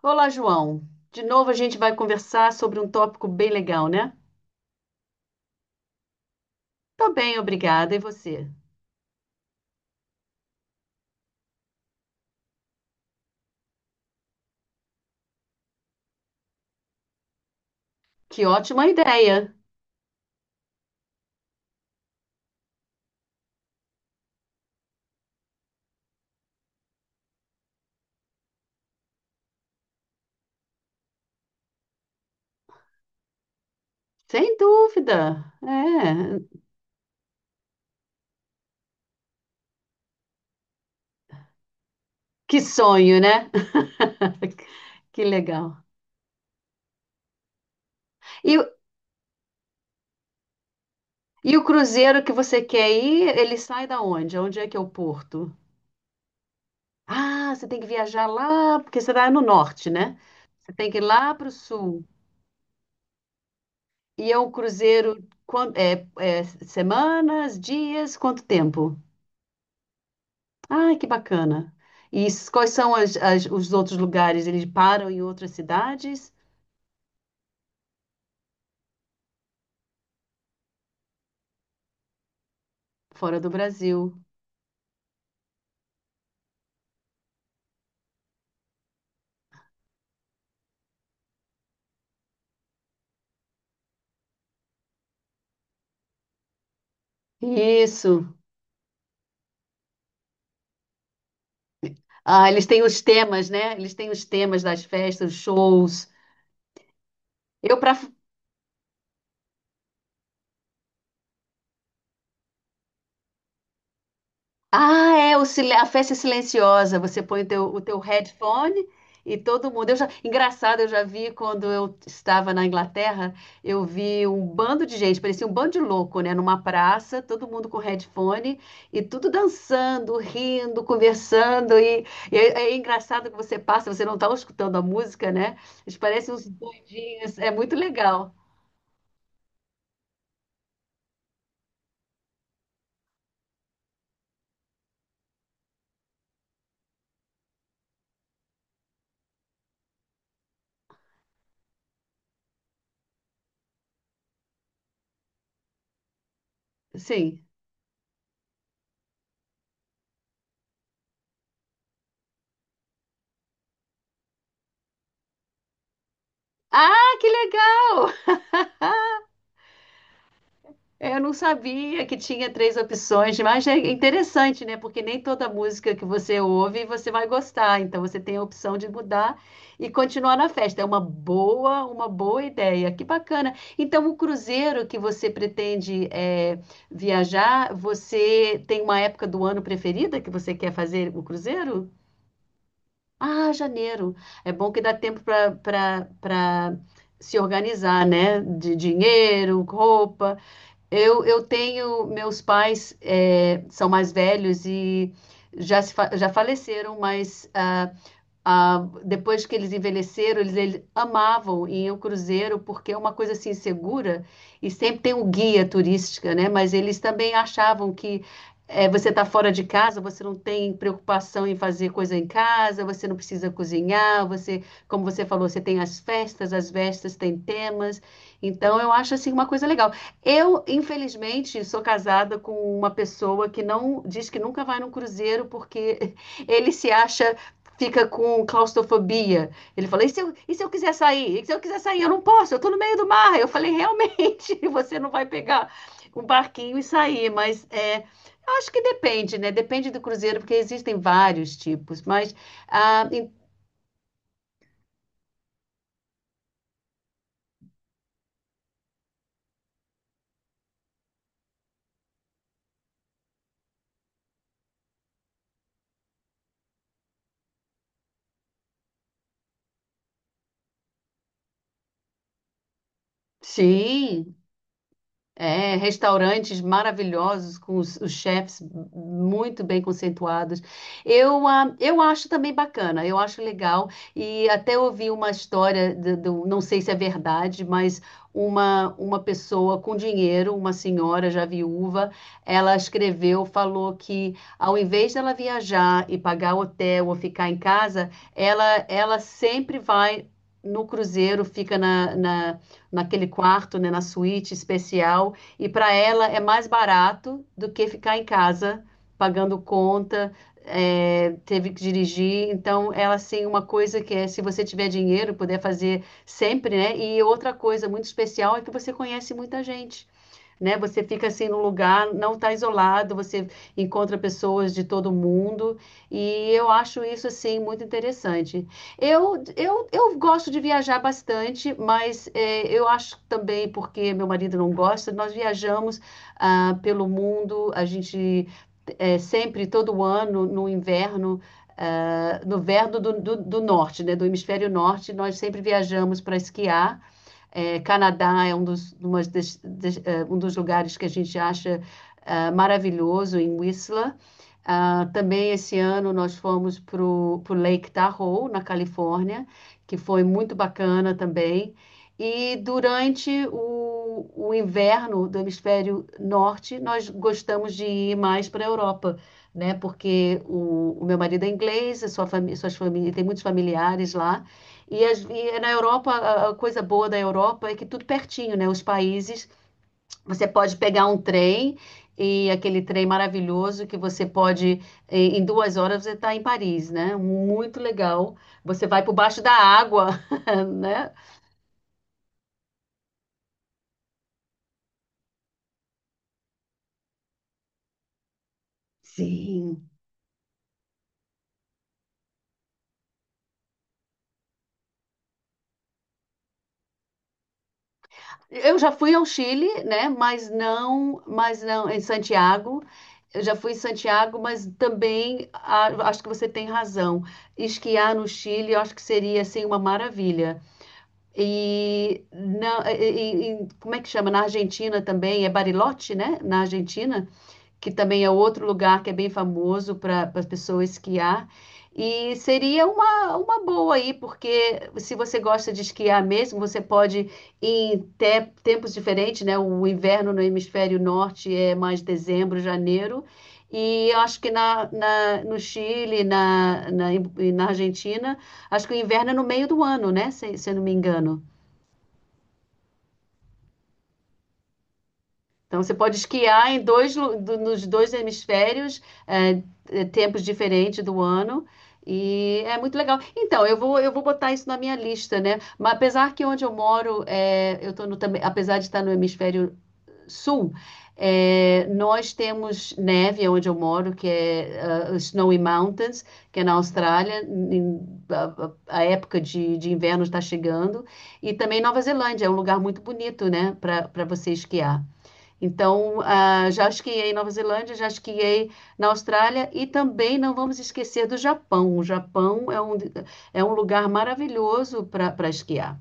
Olá, João. De novo a gente vai conversar sobre um tópico bem legal, né? Tô bem, obrigada. E você? Que ótima ideia! Sem dúvida. É, que sonho, né? Que legal. E, o- e o cruzeiro que você quer ir, ele sai da onde? Onde é que é o porto? Ah, você tem que viajar lá, porque você está no norte, né? Você tem que ir lá para o sul. E é um cruzeiro, é, é semanas, dias, quanto tempo? Ai, que bacana. Quais são os outros lugares? Eles param em outras cidades fora do Brasil. Isso. Ah, eles têm os temas, né? Eles têm os temas das festas, os shows. Eu, para Ah, a festa é silenciosa. Você põe o teu headphone e todo mundo. Eu já, engraçado, eu já vi quando eu estava na Inglaterra, eu vi um bando de gente, parecia um bando de louco, né? Numa praça, todo mundo com headphone e tudo dançando, rindo, conversando. E é, é engraçado que você passa, você não está escutando a música, né? Eles parecem uns doidinhos. É muito legal. Sim. Ah, que legal! É, eu não sabia que tinha três opções, mas é interessante, né? Porque nem toda música que você ouve você vai gostar. Então você tem a opção de mudar e continuar na festa. É uma boa ideia. Que bacana. Então o cruzeiro que você pretende é, viajar, você tem uma época do ano preferida que você quer fazer o cruzeiro? Ah, janeiro. É bom que dá tempo para para se organizar, né? De dinheiro, roupa. Eu tenho, meus pais são mais velhos e já, se fa- já faleceram, mas ah, depois que eles envelheceram, eles amavam ir ao cruzeiro porque é uma coisa assim segura e sempre tem o guia turística, né? Mas eles também achavam que você está fora de casa, você não tem preocupação em fazer coisa em casa, você não precisa cozinhar, você, como você falou, você tem as festas têm temas. Então eu acho assim uma coisa legal. Eu, infelizmente, sou casada com uma pessoa que não diz que nunca vai num cruzeiro porque ele se acha fica com claustrofobia. Ele falou: e se eu quiser sair? E se eu quiser sair? Eu não posso, eu estou no meio do mar. Eu falei: realmente, você não vai pegar um barquinho e sair, mas é, acho que depende, né? Depende do cruzeiro, porque existem vários tipos, mas ah, em- sim, é, restaurantes maravilhosos, com os chefs muito bem conceituados. Eu, eu acho também bacana, eu acho legal. E até ouvi uma história, não sei se é verdade, mas uma pessoa com dinheiro, uma senhora já viúva, ela escreveu, falou que ao invés dela viajar e pagar hotel ou ficar em casa, ela sempre vai no cruzeiro, fica na naquele quarto, né, na suíte especial e para ela é mais barato do que ficar em casa pagando conta, é, teve que dirigir. Então, ela assim, uma coisa que é, se você tiver dinheiro, puder fazer sempre, né? E outra coisa muito especial é que você conhece muita gente né? Você fica assim no lugar, não está isolado, você encontra pessoas de todo mundo e eu acho isso assim muito interessante. Eu gosto de viajar bastante, mas eu acho também porque meu marido não gosta, nós viajamos pelo mundo, a gente sempre todo ano no inverno no verão do norte, né, do hemisfério norte, nós sempre viajamos para esquiar é, Canadá é um dos, uma das, das um dos lugares que a gente acha maravilhoso, em Whistler. Ah, também esse ano nós fomos para o Lake Tahoe, na Califórnia, que foi muito bacana também. E durante o inverno do hemisfério norte, nós gostamos de ir mais para a Europa, né? Porque o meu marido é inglês, a sua família, tem muitos familiares lá. E na Europa, a coisa boa da Europa é que tudo pertinho, né? Os países você pode pegar um trem e aquele trem maravilhoso que você pode, em duas horas, você está em Paris, né? Muito legal. Você vai por baixo da água, né? Sim. Eu já fui ao Chile, né? Mas não, em Santiago. Eu já fui em Santiago, mas também acho que você tem razão. Esquiar no Chile, eu acho que seria assim uma maravilha. E, não, e como é que chama? Na Argentina também, é Bariloche, né? Na Argentina, que também é outro lugar que é bem famoso para as pessoas esquiar. E seria uma boa aí, porque se você gosta de esquiar mesmo, você pode ir em tempos diferentes, né? O inverno no hemisfério norte é mais dezembro, janeiro. E eu acho que no Chile, e na Argentina, acho que o inverno é no meio do ano, né? Se eu não me engano. Então, você pode esquiar em dois, nos dois hemisférios, é, é, tempos diferentes do ano, e é muito legal. Então, eu vou botar isso na minha lista, né? Mas apesar que onde eu moro, é, eu tô no, também, apesar de estar no hemisfério sul, é, nós temos neve onde eu moro, que é Snowy Mountains, que é na Austrália, a, a época de inverno está chegando, e também Nova Zelândia, é um lugar muito bonito, né, para para você esquiar. Então, já esquiei em Nova Zelândia, já esquiei na Austrália e também não vamos esquecer do Japão. O Japão é um lugar maravilhoso para esquiar.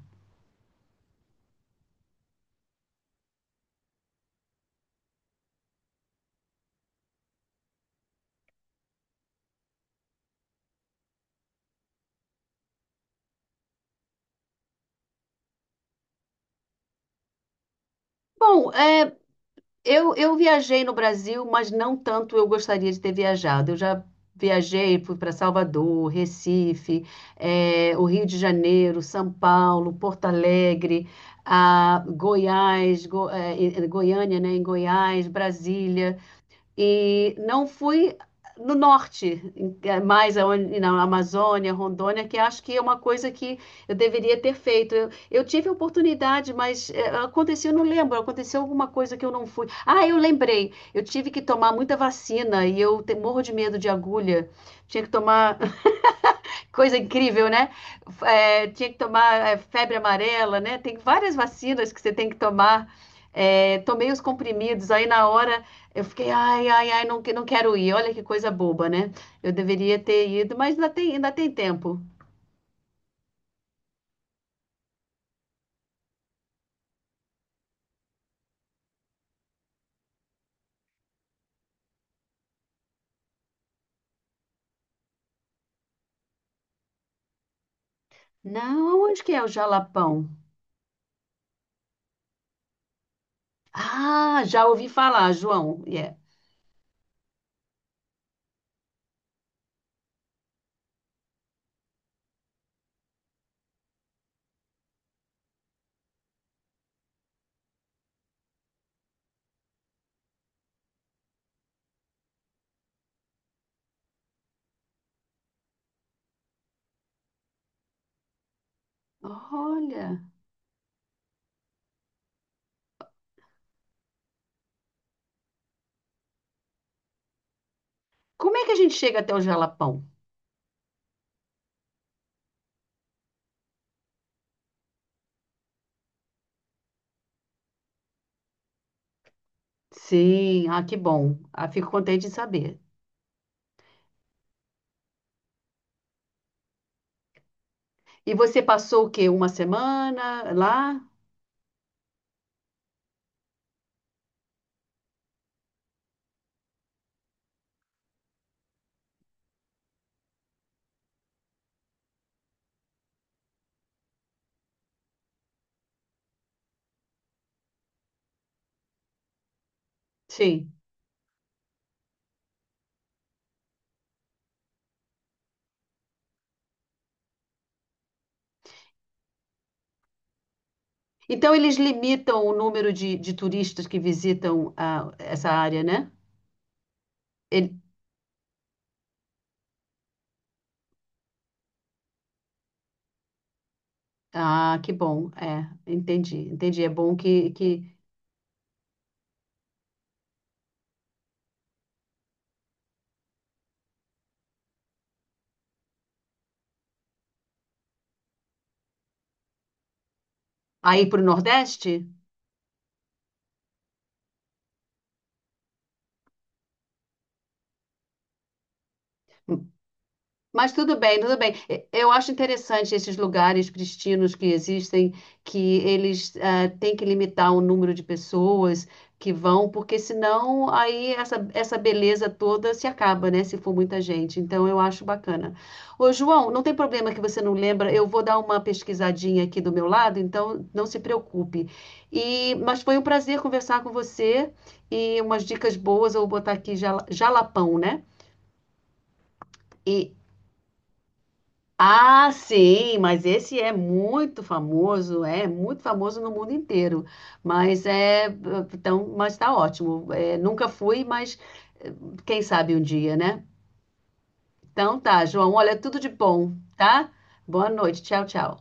Bom, é, eu viajei no Brasil, mas não tanto eu gostaria de ter viajado. Eu já viajei, fui para Salvador, Recife, é, o Rio de Janeiro, São Paulo, Porto Alegre, Goiás, em Goiânia, né, em Goiás, Brasília. E não fui no norte, mais na Amazônia, Rondônia, que acho que é uma coisa que eu deveria ter feito. Eu tive a oportunidade, mas aconteceu, eu não lembro, aconteceu alguma coisa que eu não fui. Ah, eu lembrei, eu tive que tomar muita vacina e eu morro de medo de agulha. Tinha que tomar Coisa incrível, né? É, tinha que tomar é, febre amarela, né? Tem várias vacinas que você tem que tomar. É, tomei os comprimidos, aí na hora eu fiquei, ai, ai, ai, não, não quero ir. Olha que coisa boba, né? Eu deveria ter ido, mas ainda tem tempo. Não, onde que é o Jalapão? Ah, já ouvi falar, João. Yeah. Olha, como é que a gente chega até o Jalapão? Sim, ah, que bom. Ah, fico contente em saber. E você passou o quê? Uma semana lá? Sim. Então eles limitam o número de turistas que visitam essa área, né? Ele- Ah, que bom. É, entendi, entendi. É bom que... aí para o Nordeste? Mas tudo bem, tudo bem. Eu acho interessante esses lugares pristinos que existem, que eles têm que limitar o número de pessoas que vão, porque senão aí essa beleza toda se acaba, né? Se for muita gente. Então eu acho bacana. Ô, João, não tem problema que você não lembra, eu vou dar uma pesquisadinha aqui do meu lado, então não se preocupe. E, mas foi um prazer conversar com você e umas dicas boas, eu vou botar aqui Jalapão, né? E Ah, sim, mas esse é muito famoso no mundo inteiro. Mas é, então, mas tá ótimo. É, nunca fui, mas eh, quem sabe um dia, né? Então tá, João, olha, tudo de bom, tá? Boa noite, tchau, tchau.